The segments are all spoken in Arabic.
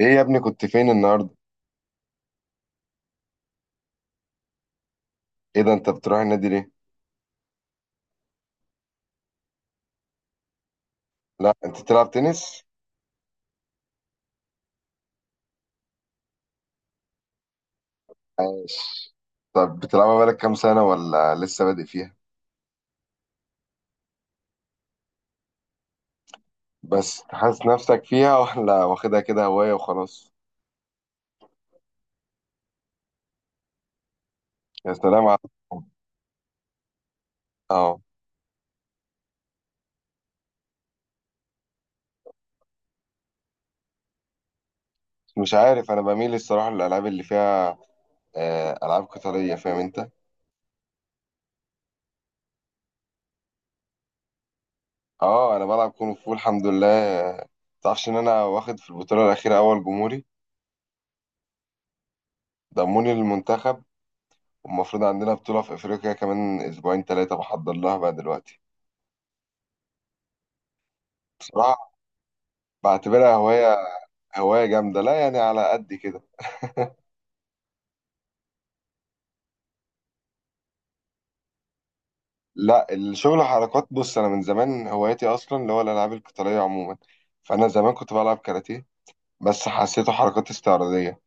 ايه يا ابني كنت فين النهارده؟ ايه ده، انت بتروح النادي ليه؟ لا، انت بتلعب تنس؟ عاش. طب بتلعبها بقالك كام سنه ولا لسه بادئ فيها؟ بس حاسس نفسك فيها ولا واخدها كده هوايه وخلاص؟ يا سلام على. اه، مش عارف انا بميل الصراحه للالعاب اللي فيها. العاب قتاليه فاهم انت. اه، انا بلعب كونغ فو الحمد لله. تعرفش ان انا واخد في البطوله الاخيره اول جمهوري؟ ضموني للمنتخب. والمفروض عندنا بطوله في افريقيا كمان اسبوعين ثلاثه بحضر لها بقى دلوقتي. بعتبرها هواية. هواية جامدة، لا يعني على قد كده. لا، الشغل حركات. بص، أنا من زمان هوايتي أصلا اللي هو الألعاب القتالية عموما. فأنا زمان كنت بلعب كاراتيه. بس حسيته حركات استعراضية.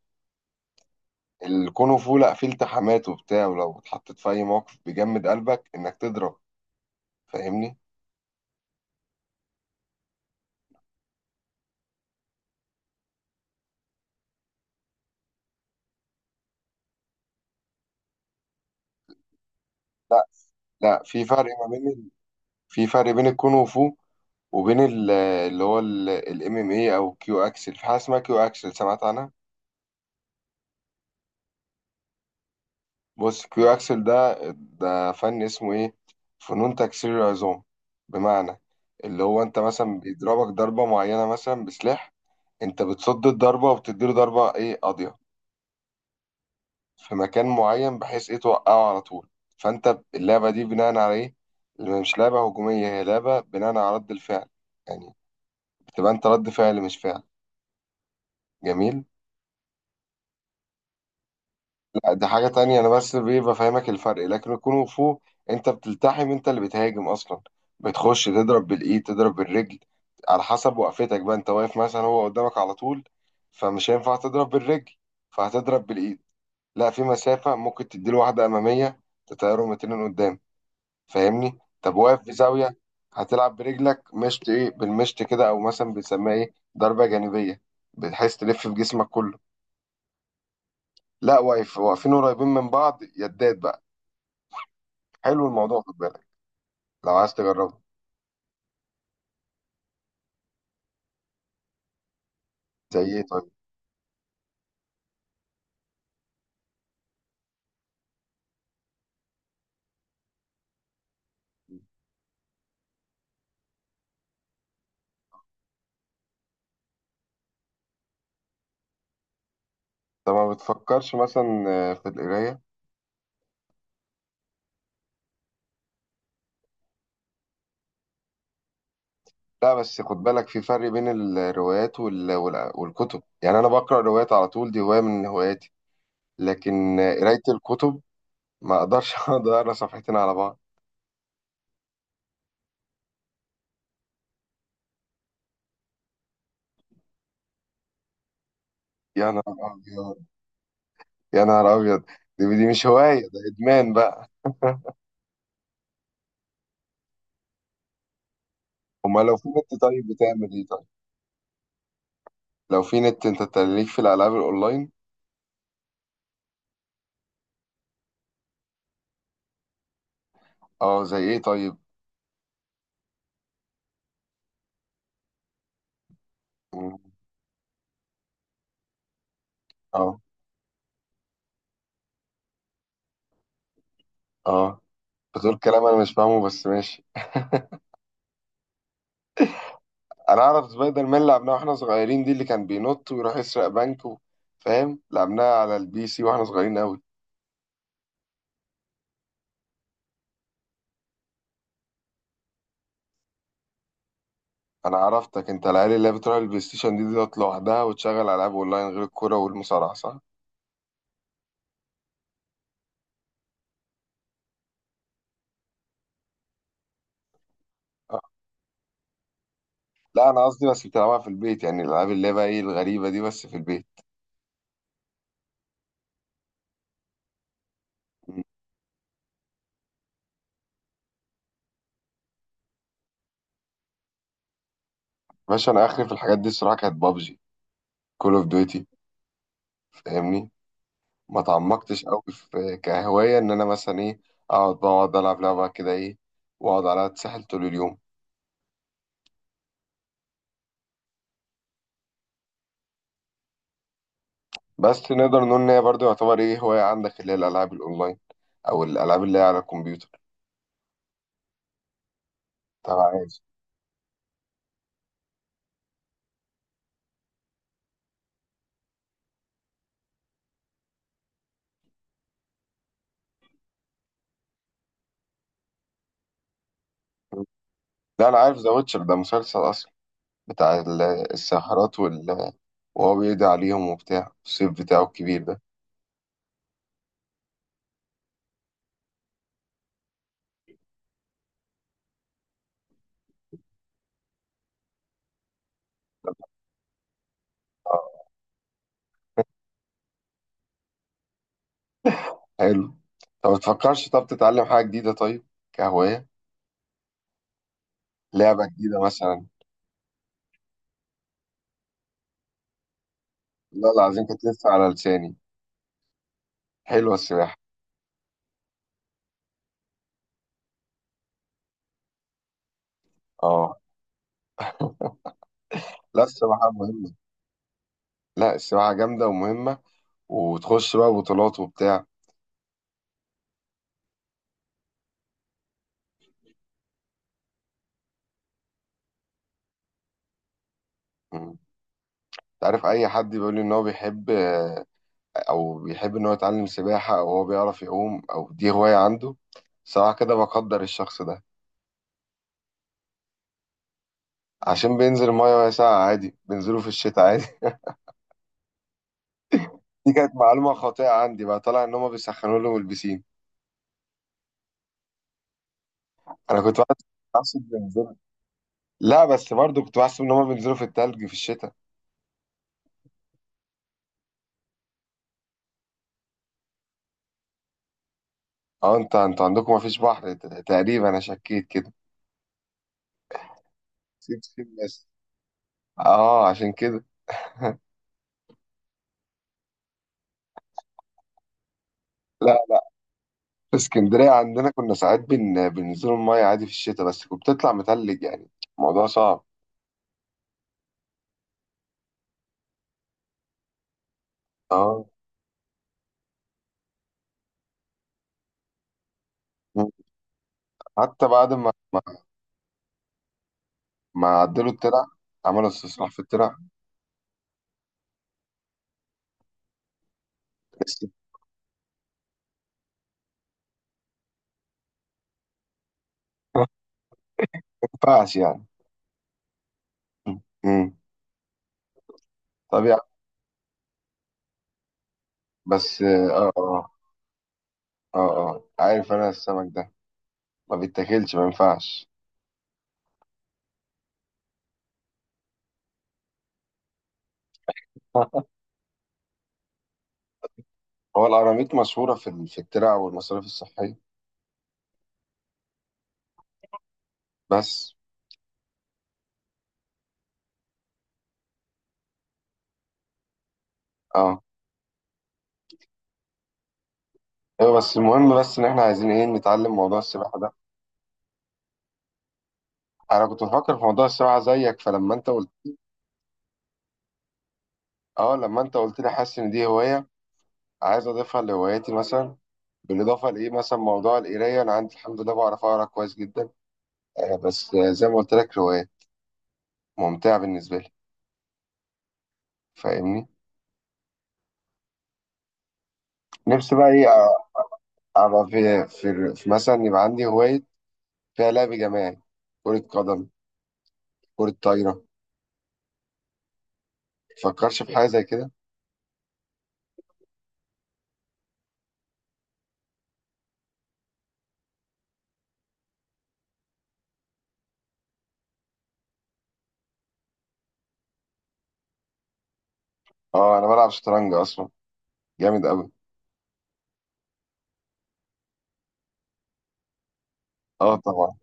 الكونغ فو لا، فيه التحامات وبتاع، ولو اتحطيت في أي موقف بيجمد قلبك إنك تضرب. فاهمني. لا، في فرق ما بين في فرق بين الكونغ فو وبين اللي هو الام ام اي او كيو اكسل. في حاجه اسمها كيو اكسل، سمعت عنها؟ بص، كيو اكسل ده فن اسمه ايه. فنون تكسير العظام. بمعنى، اللي هو انت مثلا بيضربك ضربه معينه مثلا بسلاح، انت بتصد الضربه وبتديله ضربه ايه قاضيه، في مكان معين بحيث ايه توقعه على طول. فانت اللعبه دي بناء على ايه، اللي مش لعبه هجوميه، هي لعبه بناء على رد الفعل. يعني بتبقى انت رد فعل مش فعل. جميل. لا دي حاجة تانية، أنا بس بيه بفهمك الفرق. لكن الكونغ فو أنت بتلتحم، أنت اللي بتهاجم أصلا. بتخش تضرب بالإيد، تضرب بالرجل. على حسب وقفتك بقى، أنت واقف مثلا هو قدامك على طول، فمش هينفع تضرب بالرجل، فهتضرب بالإيد. لا، في مسافة، ممكن تديله واحدة أمامية تطيره مترين قدام. فاهمني؟ طب واقف في زاوية، هتلعب برجلك مشط إيه، بالمشط كده، أو مثلا بنسميها إيه ضربة جانبية. بتحس تلف في جسمك كله. لا، واقف واقفين قريبين من بعض، يدات بقى. حلو الموضوع، خد بالك. لو عايز تجربه. زي ايه طيب؟ انت ما بتفكرش مثلا في القرايه؟ لا، بس خد بالك، في فرق بين الروايات والكتب، يعني انا بقرا روايات على طول، دي هوايه من هواياتي. لكن قرايه الكتب ما اقدرش اقعد اقرا صفحتين على بعض. يا نهار ابيض. يا نهار ابيض. دي مش هوايه، ده ادمان بقى. امال لو في نت طيب، بتعمل ايه طيب؟ لو في نت انت تليك في الالعاب الاونلاين. اه، زي ايه طيب؟ مم. اه، اه، بتقول كلام انا مش فاهمه بس ماشي. انا اعرف سبايدر مان، لعبناه واحنا صغيرين، دي اللي كان بينط ويروح يسرق بنك. فاهم، لعبناها على البي سي واحنا صغيرين قوي. انا عرفتك، انت العيال اللي هي بتروح البلاي ستيشن دي ديت لوحدها وتشغل العاب اونلاين غير الكوره والمصارعه، صح؟ آه. لا، انا قصدي بس بتلعبها في البيت، يعني الالعاب اللي هي بقى ايه الغريبه دي، بس في البيت. م. باشا، انا اخري في الحاجات دي الصراحه، كانت بابجي، كول اوف ديوتي، فاهمني. ما تعمقتش قوي في كهوايه ان انا مثلا ايه، اقعد بقعد العب لعبه كده ايه واقعد عليها اتسحل طول اليوم. بس نقدر نقول ان هي برضه يعتبر ايه هواية عندك، اللي هي الالعاب الاونلاين او الالعاب اللي هي على الكمبيوتر. طب عايز. لا، انا عارف ذا ويتشر ده مسلسل اصلا، بتاع الساحرات وهو بيقضي عليهم وبتاع الصيف بتاعه الكبير ده. آه، حلو. طب ما تفكرش، طب تتعلم حاجة جديدة طيب، كهواية، لعبة جديدة مثلا. لا، العظيم كانت لسه على لساني، حلوة السباحة. اه. لا، السباحة مهمة. لا، السباحة جامدة ومهمة، وتخش بقى بطولات وبتاع. تعرف، اي حد بيقول لي ان هو بيحب او بيحب ان هو يتعلم سباحة، او هو بيعرف يعوم، او دي هواية عنده، صراحة كده بقدر الشخص ده. عشان بينزل المية وهي ساقعة عادي، بينزلوا في الشتاء عادي. دي كانت معلومة خاطئة عندي بقى، طلع ان هما بيسخنوا لهم البسين. انا كنت بحس- بحسب بينزلوا. لا بس برضه كنت بحسب ان هما بينزلوا في التلج في الشتاء. اه، انت انتوا عندكم مفيش بحر، تقريبا انا شكيت كده. سيب سيب بس. اه، عشان كده. لا، في اسكندرية عندنا كنا ساعات بننزلوا المية عادي في الشتاء، بس كنت بتطلع متلج يعني. الموضوع صعب. اه، حتى بعد ما عدلوا الترع، عملوا استصلاح في الترع. بس ما ينفعش يعني. مم. طب يعني. بس، اه، اه، اه، اه. آه. عارف، انا السمك ده ما بيتاكلش، ما ينفعش. هو القراميط مشهورة في في الترع والمصاريف الصحية؟ بس اه. ايوه، بس المهم، بس ان احنا عايزين ايه، نتعلم موضوع السباحة ده. انا كنت بفكر في موضوع السباحة زيك، فلما انت قلت، اه، لما انت قلت لي، حاسس ان دي هوايه عايز اضيفها لهواياتي مثلا. بالاضافه لايه، مثلا موضوع القرايه، انا عندي الحمد لله بعرف اقرا كويس جدا. بس زي ما قلت لك، روايه ممتعه بالنسبه لي، فاهمني. نفسي بقى ايه ابقى في مثلا، يبقى عندي هوايه فيها لعب جماعي، كره قدم، كره طايره. متفكرش في حاجه زي كده؟ اه، انا بلعب شطرنج اصلا، جامد قوي. اه، طبعا.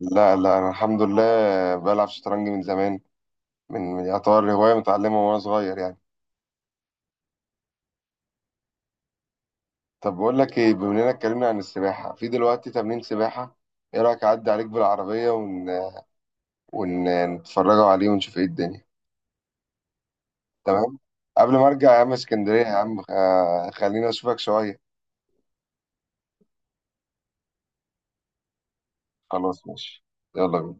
لا، لا، انا الحمد لله بلعب شطرنج من زمان. يعتبر هوايه متعلمه وانا صغير يعني. طب بقول لك ايه، بما اننا اتكلمنا عن السباحة، في دلوقتي تمرين سباحة، ايه رأيك اعدي عليك بالعربية ونتفرجوا عليه ونشوف ايه الدنيا. تمام. قبل ما ارجع يا عم اسكندرية يا عم، خلينا اشوفك شوية. خلاص ماشي. يلا بينا.